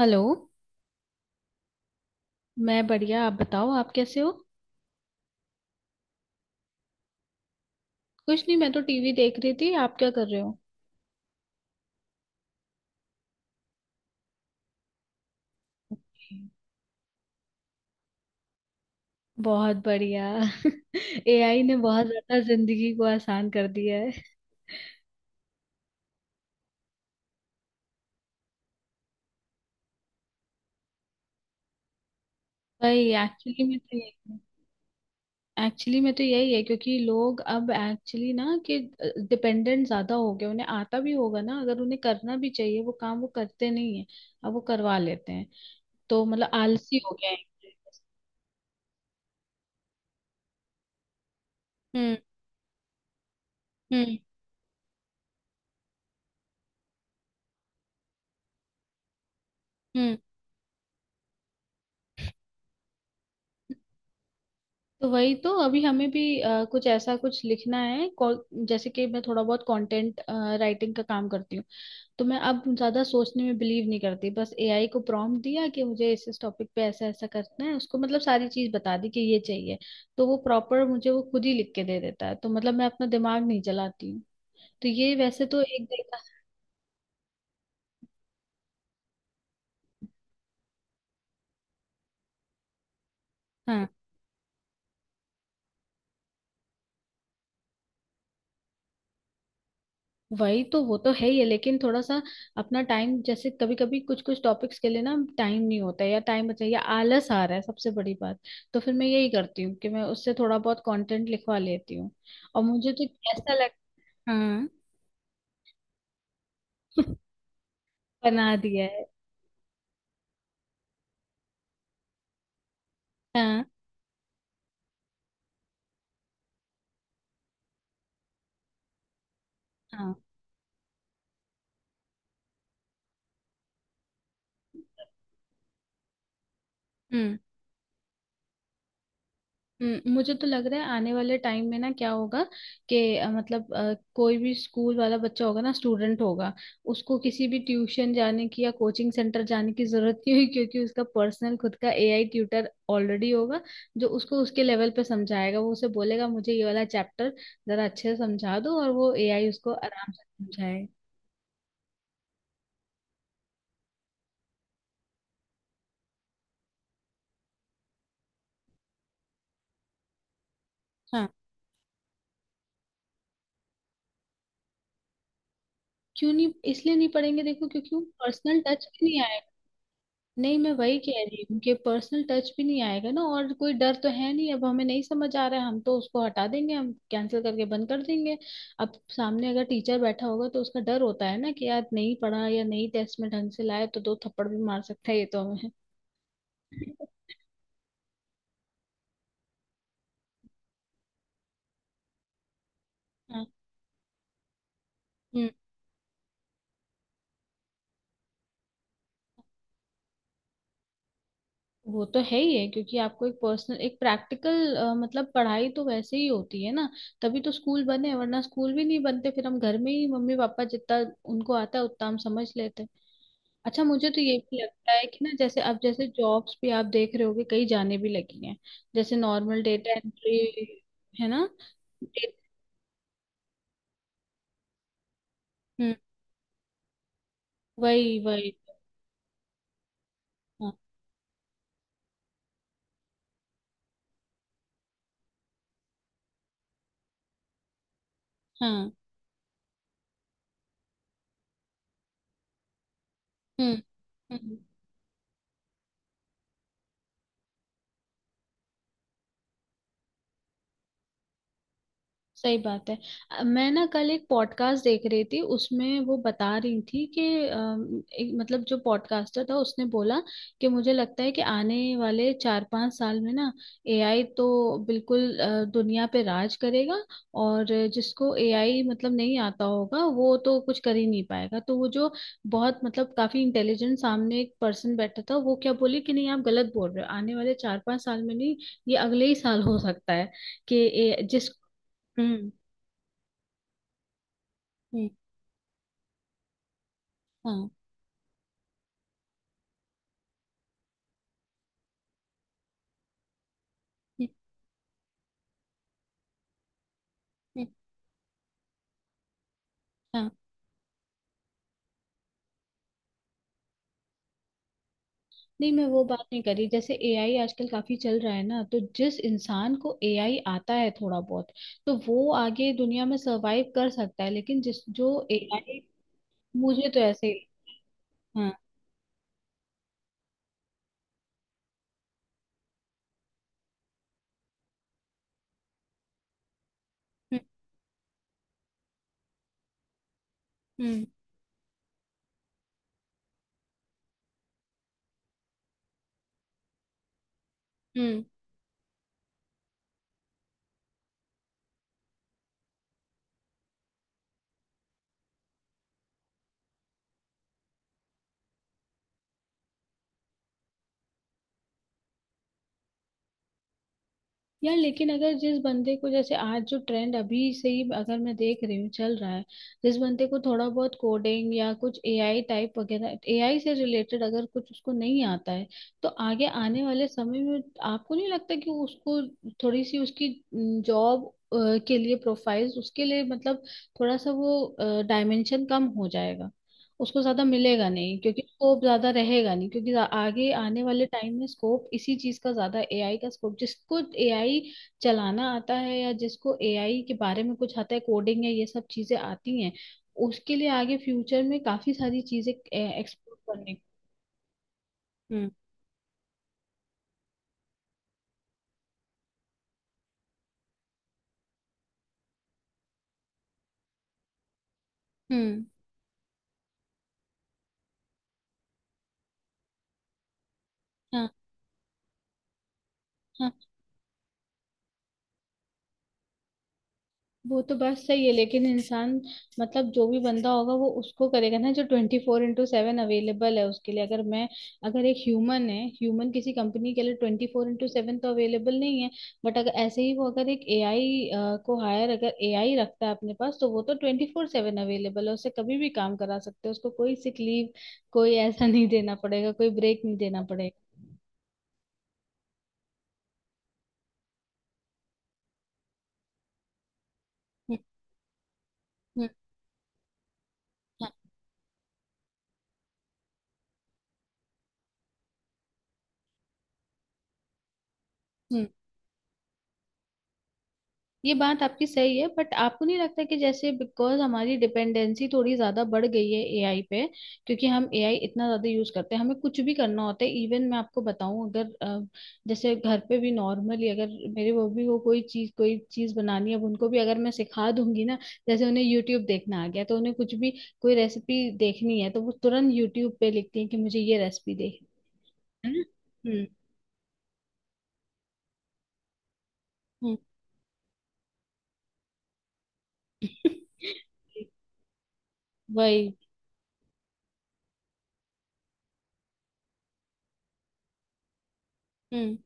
Hello. मैं बढ़िया। आप बताओ, आप कैसे हो? कुछ नहीं, मैं तो टीवी देख रही थी। आप क्या कर रहे हो? बहुत बढ़िया। एआई ने बहुत ज्यादा जिंदगी को आसान कर दिया है। भाई एक्चुअली में तो यही है, क्योंकि लोग अब एक्चुअली ना कि डिपेंडेंट ज्यादा हो गए। उन्हें आता भी होगा ना, अगर उन्हें करना भी चाहिए वो काम, वो करते नहीं है। अब वो करवा लेते हैं, तो मतलब आलसी हो गया है। हम्म। हम्म। तो वही तो। अभी हमें भी कुछ ऐसा कुछ लिखना है। जैसे कि मैं थोड़ा बहुत कंटेंट राइटिंग का काम करती हूँ, तो मैं अब ज्यादा सोचने में बिलीव नहीं करती। बस एआई को प्रॉम्प्ट दिया कि मुझे इस टॉपिक पे ऐसा ऐसा करना है। उसको मतलब सारी चीज बता दी कि ये चाहिए, तो वो प्रॉपर, मुझे वो खुद ही लिख के दे देता है। तो मतलब मैं अपना दिमाग नहीं चलाती हूँ। तो ये वैसे तो एक देखा। वही तो। वो तो है ही है, लेकिन थोड़ा सा अपना टाइम जैसे कभी कभी कुछ कुछ टॉपिक्स के लिए ना टाइम नहीं होता है, या टाइम बचा, या आलस आ रहा है सबसे बड़ी बात। तो फिर मैं यही करती हूँ कि मैं उससे थोड़ा बहुत कंटेंट लिखवा लेती हूँ। और मुझे तो ऐसा लग। हाँ। बना दिया है। हाँ, हाँ। हम्म। मुझे तो लग रहा है आने वाले टाइम में ना क्या होगा कि मतलब कोई भी स्कूल वाला बच्चा होगा ना, स्टूडेंट होगा। उसको किसी भी ट्यूशन जाने की या कोचिंग सेंटर जाने की जरूरत नहीं होगी, क्योंकि उसका पर्सनल खुद का एआई ट्यूटर ऑलरेडी होगा। जो उसको उसके लेवल पे समझाएगा, वो उसे बोलेगा मुझे ये वाला चैप्टर जरा अच्छे से समझा दो, और वो एआई उसको आराम से समझाएगा। हाँ। क्यों नहीं, इसलिए नहीं पढ़ेंगे देखो, क्योंकि वो पर्सनल टच भी नहीं। नहीं, मैं वही कह रही हूँ कि पर्सनल टच भी नहीं आएगा ना, और कोई डर तो है नहीं। अब हमें नहीं समझ आ रहा है, हम तो उसको हटा देंगे, हम कैंसिल करके बंद कर देंगे। अब सामने अगर टीचर बैठा होगा तो उसका डर होता है ना, कि यार नहीं पढ़ा या नहीं टेस्ट में ढंग से लाया तो दो थप्पड़ भी मार सकता है। ये तो हमें। हाँ। हम्म। वो तो है ही है, क्योंकि आपको एक पर्सनल, एक प्रैक्टिकल, मतलब पढ़ाई तो वैसे ही होती है ना। तभी तो स्कूल बने, वरना स्कूल भी नहीं बनते। फिर हम घर में ही मम्मी पापा जितना उनको आता है उतना हम समझ लेते। अच्छा, मुझे तो ये भी लगता है कि ना, जैसे अब जैसे जॉब्स भी आप देख रहे होगे, कई जाने भी लगी हैं। जैसे नॉर्मल डेटा एंट्री। है ना? डे- हम्म। वही, वही। हाँ, हाँ। हम्म। हम्म। सही बात है। मैं ना कल एक पॉडकास्ट देख रही थी, उसमें वो बता रही थी कि एक मतलब जो पॉडकास्टर था उसने बोला कि मुझे लगता है कि आने वाले 4-5 साल में ना एआई तो बिल्कुल दुनिया पे राज करेगा। और जिसको एआई मतलब नहीं आता होगा वो तो कुछ कर ही नहीं पाएगा। तो वो जो बहुत मतलब काफी इंटेलिजेंट सामने एक पर्सन बैठा था, वो क्या बोले कि नहीं, आप गलत बोल रहे हो। आने वाले चार पांच साल में नहीं, ये अगले ही साल हो सकता है कि जिस। हम्म। हम्म, हाँ। हम्म। हाँ। नहीं, मैं वो बात नहीं करी। जैसे एआई आजकल काफी चल रहा है ना, तो जिस इंसान को एआई आता है थोड़ा बहुत, तो वो आगे दुनिया में सरवाइव कर सकता है। लेकिन जिस जो एआई। मुझे तो ऐसे ही। हाँ। हम्म। हम्म। हम्म। यार लेकिन अगर जिस बंदे को, जैसे आज जो ट्रेंड अभी से ही अगर मैं देख रही हूँ चल रहा है, जिस बंदे को थोड़ा बहुत कोडिंग या कुछ एआई टाइप वगैरह एआई से रिलेटेड अगर कुछ उसको नहीं आता है, तो आगे आने वाले समय में आपको नहीं लगता कि उसको थोड़ी सी उसकी जॉब के लिए प्रोफाइल, उसके लिए मतलब थोड़ा सा वो डायमेंशन कम हो जाएगा? उसको ज्यादा मिलेगा नहीं, क्योंकि स्कोप ज्यादा रहेगा नहीं, क्योंकि आगे आने वाले टाइम में स्कोप इसी चीज का ज्यादा, एआई का स्कोप, जिसको एआई चलाना आता है, या जिसको एआई के बारे में कुछ आता है, कोडिंग है, ये सब चीजें आती हैं, उसके लिए आगे फ्यूचर में काफी सारी चीजें एक्सप्लोर करने को। हम्म। हम्म। हाँ, वो तो बात सही है, लेकिन इंसान मतलब जो भी बंदा होगा वो उसको करेगा ना, जो 24x7 अवेलेबल है उसके लिए। अगर मैं, अगर एक ह्यूमन है, ह्यूमन किसी कंपनी के लिए 24x7 तो अवेलेबल नहीं है। बट अगर ऐसे ही वो अगर एक एआई को हायर, अगर एआई रखता है अपने पास, तो वो तो 24/7 अवेलेबल है, उससे कभी भी काम करा सकते हो। उसको कोई सिक लीव, कोई ऐसा नहीं देना पड़ेगा, कोई ब्रेक नहीं देना पड़ेगा। हम्म। हम्म। हाँ। हम्म। ये बात आपकी सही है, बट आपको नहीं लगता कि जैसे बिकॉज हमारी डिपेंडेंसी थोड़ी ज्यादा बढ़ गई है एआई पे, क्योंकि हम एआई इतना ज्यादा यूज करते हैं। हमें कुछ भी करना होता है, इवन मैं आपको बताऊं, अगर जैसे घर पे भी नॉर्मली अगर मेरे बॉबी को कोई चीज, कोई चीज बनानी है, अब उनको भी अगर मैं सिखा दूंगी ना, जैसे उन्हें यूट्यूब देखना आ गया, तो उन्हें कुछ भी कोई रेसिपी देखनी है तो वो तुरंत यूट्यूब पे लिखती है कि मुझे ये रेसिपी देखनी है। ना? हम्म। हम्म। वही। हम्म।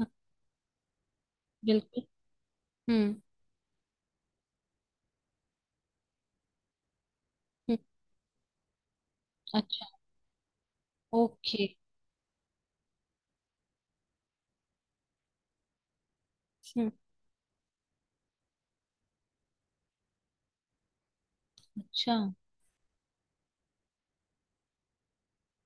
हाँ, बिल्कुल। हम्म। अच्छा। ओके। हम्म। अच्छा।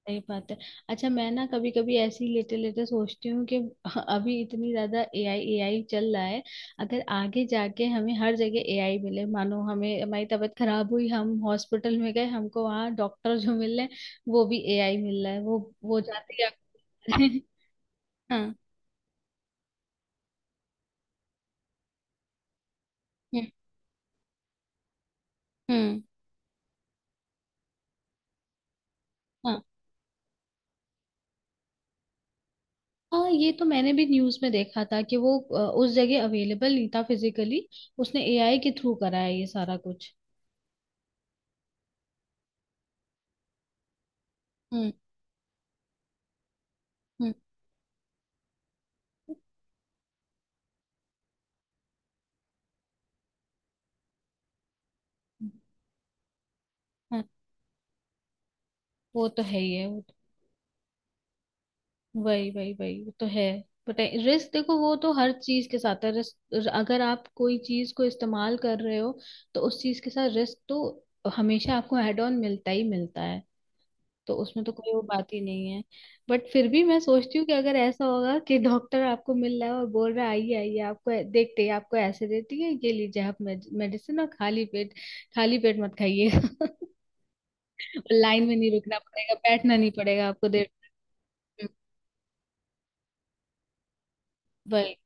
सही बात है। अच्छा, मैं ना कभी कभी ऐसे ही लेटे लेटे सोचती हूँ कि अभी इतनी ज्यादा एआई एआई चल रहा है। अगर आगे जाके हमें हर जगह एआई मिले, मानो हमें, हमारी तबीयत खराब हुई, हम हॉस्पिटल में गए, हमको वहाँ डॉक्टर जो मिल रहे हैं वो भी एआई मिल रहा है, वो जाते ही हाँ। हम्म। हम्म। हाँ, हाँ, ये तो मैंने भी न्यूज में देखा था कि वो उस जगह अवेलेबल नहीं था फिजिकली, उसने एआई के थ्रू करा है ये सारा कुछ। हम्म। हम्म। हाँ, वो तो है ही है। वही, वही, वही, वो तो है। बट रिस्क, देखो वो तो हर चीज के साथ है। रिस्क, अगर आप कोई चीज को इस्तेमाल कर रहे हो, तो उस चीज के साथ रिस्क तो हमेशा आपको एड ऑन मिलता ही मिलता है। तो उसमें तो कोई वो बात ही नहीं है। बट फिर भी मैं सोचती हूँ कि अगर ऐसा होगा कि डॉक्टर आपको मिल रहा है और बोल रहा है आइए, आइए, आपको देखते ही आपको ऐसे देती है ये लीजिए आप मेडिसिन और खाली पेट, खाली पेट मत खाइए। लाइन में नहीं रुकना पड़ेगा, बैठना नहीं पड़ेगा आपको देर। वही।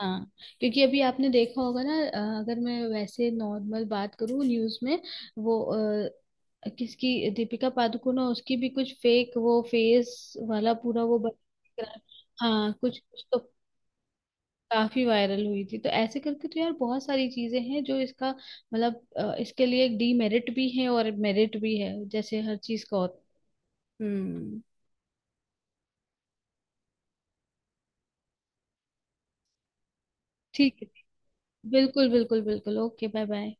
हाँ, क्योंकि अभी आपने देखा होगा ना, अगर मैं वैसे नॉर्मल बात करूँ, न्यूज में वो किसकी दीपिका पादुकोण है उसकी भी कुछ फेक वो फेस वाला पूरा वो बना। हाँ, कुछ कुछ तो काफी वायरल हुई थी। तो ऐसे करके तो यार बहुत सारी चीजें हैं जो इसका मतलब इसके लिए एक डीमेरिट भी है और मेरिट भी है, जैसे हर चीज का होता है। हम्म। ठीक है। बिल्कुल, बिल्कुल, बिल्कुल। ओके। Bye, bye.